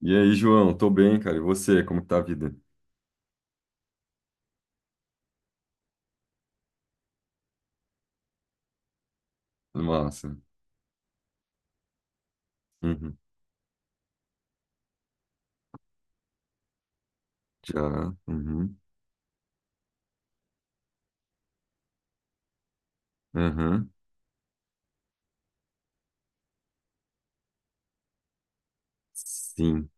E aí, João? Tô bem, cara. E você? Como que tá a vida? Massa. Uhum. Já. Uhum. Uhum. Sim.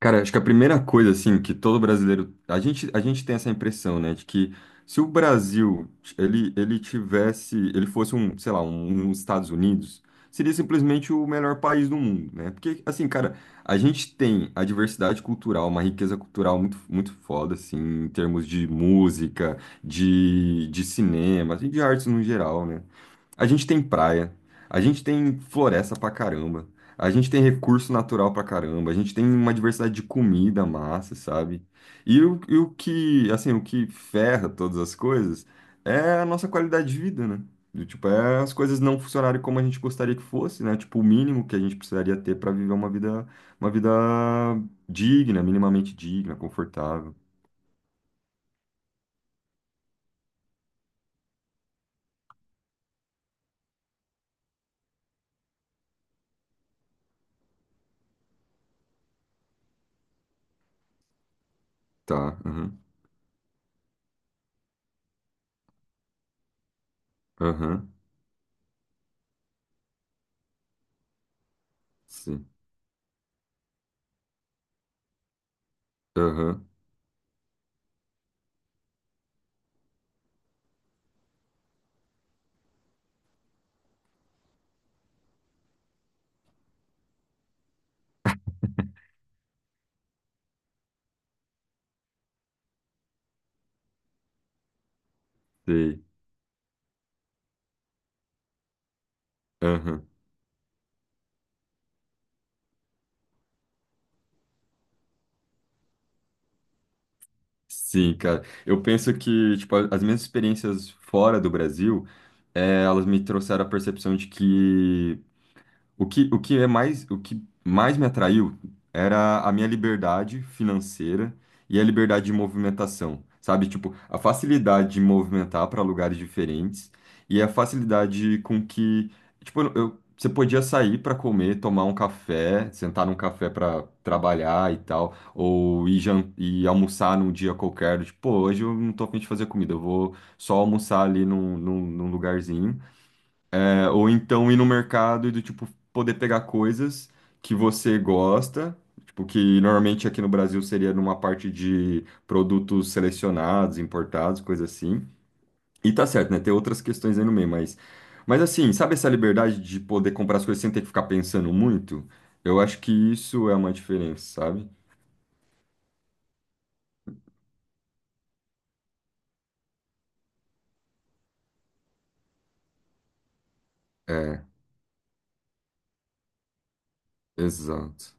Cara, acho que a primeira coisa, assim, que todo brasileiro. A gente tem essa impressão, né, de que se o Brasil ele tivesse. Ele fosse um, sei lá, um Estados Unidos, seria simplesmente o melhor país do mundo, né? Porque, assim, cara, a gente tem a diversidade cultural, uma riqueza cultural muito, muito foda, assim, em termos de música, de cinema, assim, de artes no geral, né? A gente tem praia, a gente tem floresta pra caramba, a gente tem recurso natural pra caramba, a gente tem uma diversidade de comida massa, sabe? E o que, assim, o que ferra todas as coisas é a nossa qualidade de vida, né? Do tipo, é as coisas não funcionarem como a gente gostaria que fosse, né? Tipo, o mínimo que a gente precisaria ter pra viver uma vida digna, minimamente digna, confortável. Tá, aham, aham, sim, aham, sei, aham. Sim, cara. Eu penso que, tipo, as minhas experiências fora do Brasil, elas me trouxeram a percepção de que o que mais me atraiu era a minha liberdade financeira e a liberdade de movimentação, sabe? Tipo, a facilidade de movimentar para lugares diferentes e a facilidade com que, tipo, você podia sair para comer, tomar um café, sentar num café para trabalhar e tal, ou ir almoçar num dia qualquer, tipo, pô, hoje eu não tô a fim de fazer comida, eu vou só almoçar ali num lugarzinho. Ou então ir no mercado e do tipo poder pegar coisas que você gosta, tipo que normalmente aqui no Brasil seria numa parte de produtos selecionados, importados, coisa assim. E tá certo, né? Tem outras questões aí no meio, mas assim, sabe essa liberdade de poder comprar as coisas sem ter que ficar pensando muito? Eu acho que isso é uma diferença, sabe? É, exato.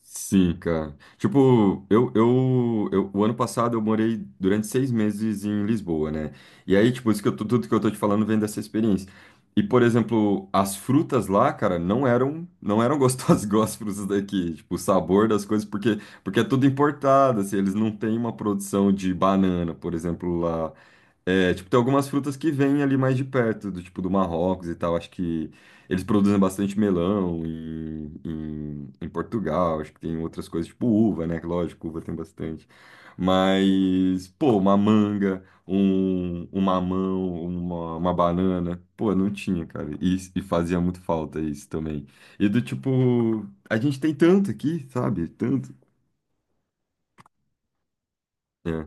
Sim, cara. Tipo, o ano passado eu morei durante 6 meses em Lisboa, né? E aí, tipo, tudo que eu tô te falando vem dessa experiência. E, por exemplo, as frutas lá, cara, não eram gostosas igual as frutas daqui. Tipo, o sabor das coisas, porque é tudo importado, assim, eles não têm uma produção de banana, por exemplo, lá. É, tipo, tem algumas frutas que vêm ali mais de perto, do tipo do Marrocos e tal. Acho que eles produzem bastante melão em Portugal. Acho que tem outras coisas, tipo uva, né? que Lógico, uva tem bastante. Mas, pô, uma manga, um mamão, uma banana. Pô, não tinha, cara. E fazia muito falta isso também. E do tipo, a gente tem tanto aqui, sabe? Tanto. É,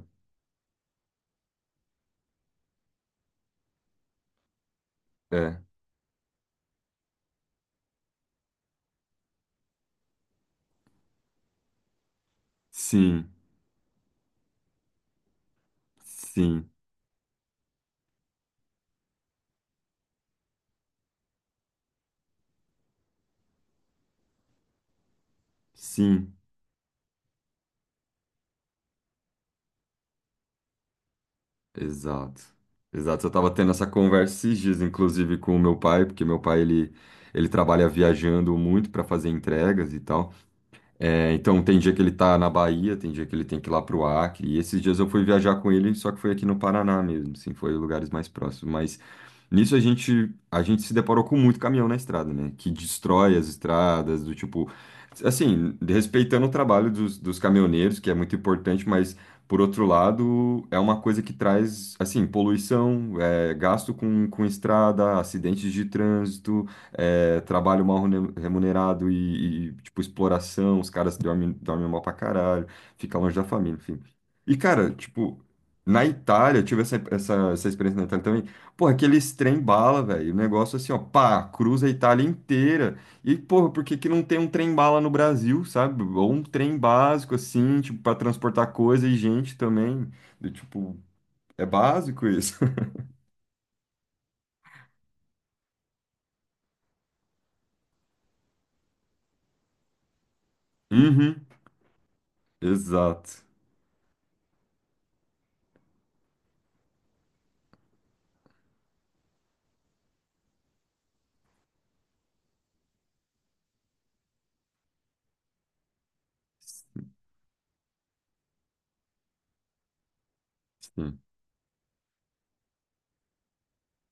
é. Sim, sim, sim. Exato. Exato. Eu estava tendo essa conversa esses dias, inclusive, com o meu pai, porque meu pai ele trabalha viajando muito para fazer entregas e tal. É, então tem dia que ele tá na Bahia, tem dia que ele tem que ir lá pro Acre. E esses dias eu fui viajar com ele, só que foi aqui no Paraná mesmo, assim, foi lugares mais próximos. Mas nisso a gente se deparou com muito caminhão na estrada, né? Que destrói as estradas, do tipo, assim, respeitando o trabalho dos caminhoneiros, que é muito importante, mas por outro lado, é uma coisa que traz, assim, poluição, gasto com estrada, acidentes de trânsito trabalho mal remunerado e, tipo, exploração, os caras dormem mal pra caralho, fica longe da família, enfim. E, cara, tipo, na Itália, eu tive essa experiência na Itália também, porra, aqueles trem bala, velho, o negócio assim, ó, pá, cruza a Itália inteira, e, porra, por que que não tem um trem bala no Brasil, sabe? Ou um trem básico, assim, tipo, pra transportar coisa e gente também, do tipo, é básico isso. Uhum, exato. Sim,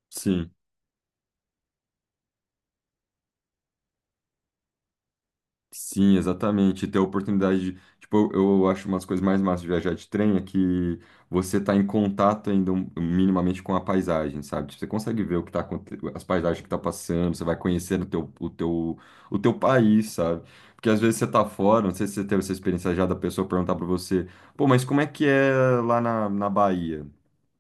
sim. Sim, exatamente. E ter a oportunidade de, tipo, eu acho umas coisas mais massas de viajar de trem é que você tá em contato ainda minimamente com a paisagem, sabe? Tipo, você consegue ver o que tá acontecendo, as paisagens que tá passando, você vai conhecendo o teu, o teu país, sabe? Porque às vezes você tá fora, não sei se você teve essa experiência já da pessoa perguntar pra você, pô, mas como é que é lá na Bahia?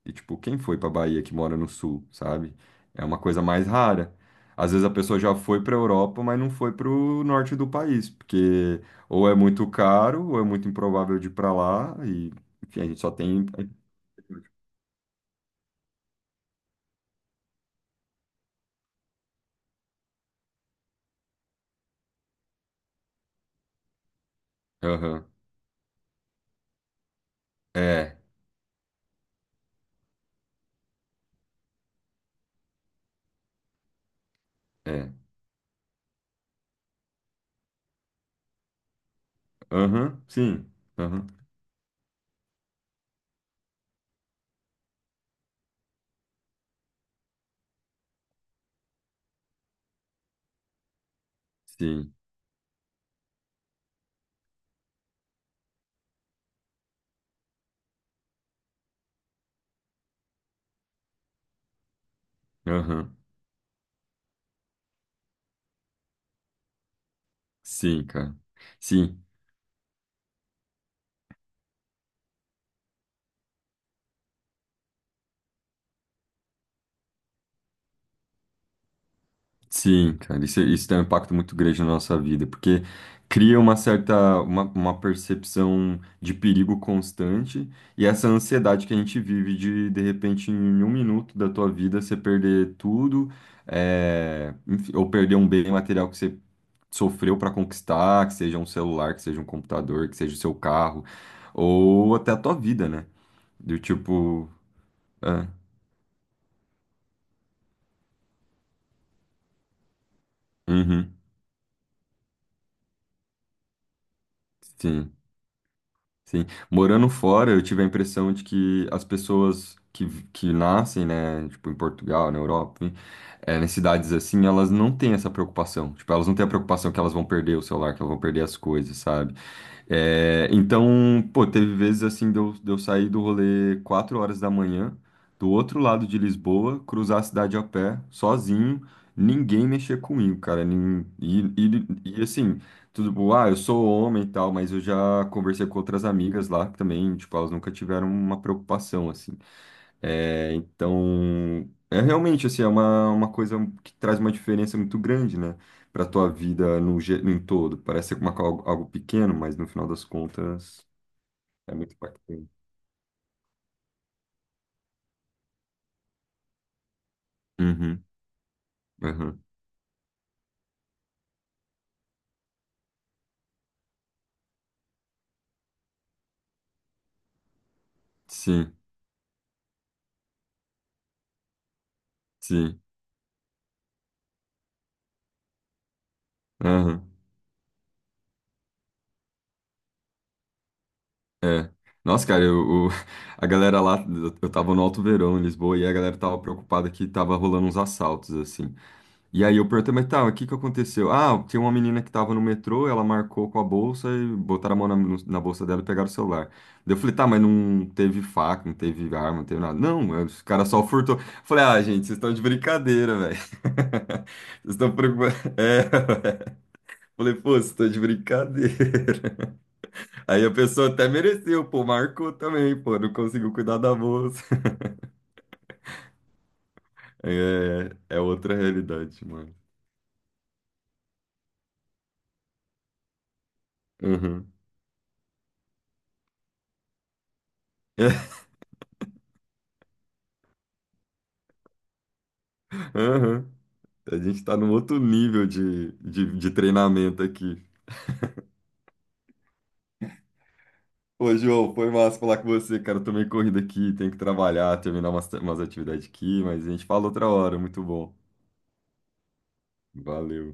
E, tipo, quem foi pra Bahia que mora no sul, sabe? É uma coisa mais rara. Às vezes a pessoa já foi pra Europa, mas não foi pro norte do país, porque ou é muito caro, ou é muito improvável de ir pra lá, e, enfim, a gente só tem. Aham. É, é. Aham, sim. Aham, sim. Aham, sim, cara. Sim. Sim, cara, isso tem um impacto muito grande na nossa vida, porque cria uma percepção de perigo constante e essa ansiedade que a gente vive de repente, em um minuto da tua vida, você perder tudo, enfim, ou perder um bem material que você sofreu para conquistar, que seja um celular, que seja um computador, que seja o seu carro, ou até a tua vida, né? Do tipo, é, uhum, sim. Sim. Morando fora, eu tive a impressão de que as pessoas que nascem, né, tipo, em Portugal, na Europa, enfim, nas cidades assim, elas não têm essa preocupação. Tipo, elas não têm a preocupação que elas vão perder o celular, que elas vão perder as coisas, sabe? É, então, pô, teve vezes assim de eu sair do rolê 4 horas da manhã, do outro lado de Lisboa, cruzar a cidade a pé, sozinho, ninguém mexer comigo, cara. E, assim, tudo, bom, ah, eu sou homem e tal, mas eu já conversei com outras amigas lá que também, tipo, elas nunca tiveram uma preocupação, assim. É, então, é realmente assim, é uma coisa que traz uma diferença muito grande, né, para tua vida no, ge- em todo. Parece algo pequeno, mas no final das contas é muito impactante. Uhum, uhum. Sim, sim. Aham, É. Nossa, cara, a galera lá, eu tava no Alto Verão, em Lisboa, e a galera tava preocupada que tava rolando uns assaltos, assim. E aí eu perguntei, mas tá, o que que aconteceu? Ah, tinha uma menina que tava no metrô, ela marcou com a bolsa e botaram a mão na, no- na bolsa dela e pegaram o celular. Daí eu falei, tá, mas não teve faca, não teve arma, não teve nada. Não, os caras só furtou. Falei, ah, gente, vocês estão de brincadeira, velho. Vocês estão preocupados. É. Falei, pô, vocês estão de brincadeira. Aí a pessoa até mereceu, pô, marcou também, pô, não conseguiu cuidar da bolsa. É, é outra realidade, mano. Uhum. Uhum. A gente tá num outro nível de treinamento aqui. Ô, João, foi massa falar com você, cara. Eu tomei corrida aqui, tenho que trabalhar, terminar umas atividades aqui, mas a gente fala outra hora. Muito bom. Valeu.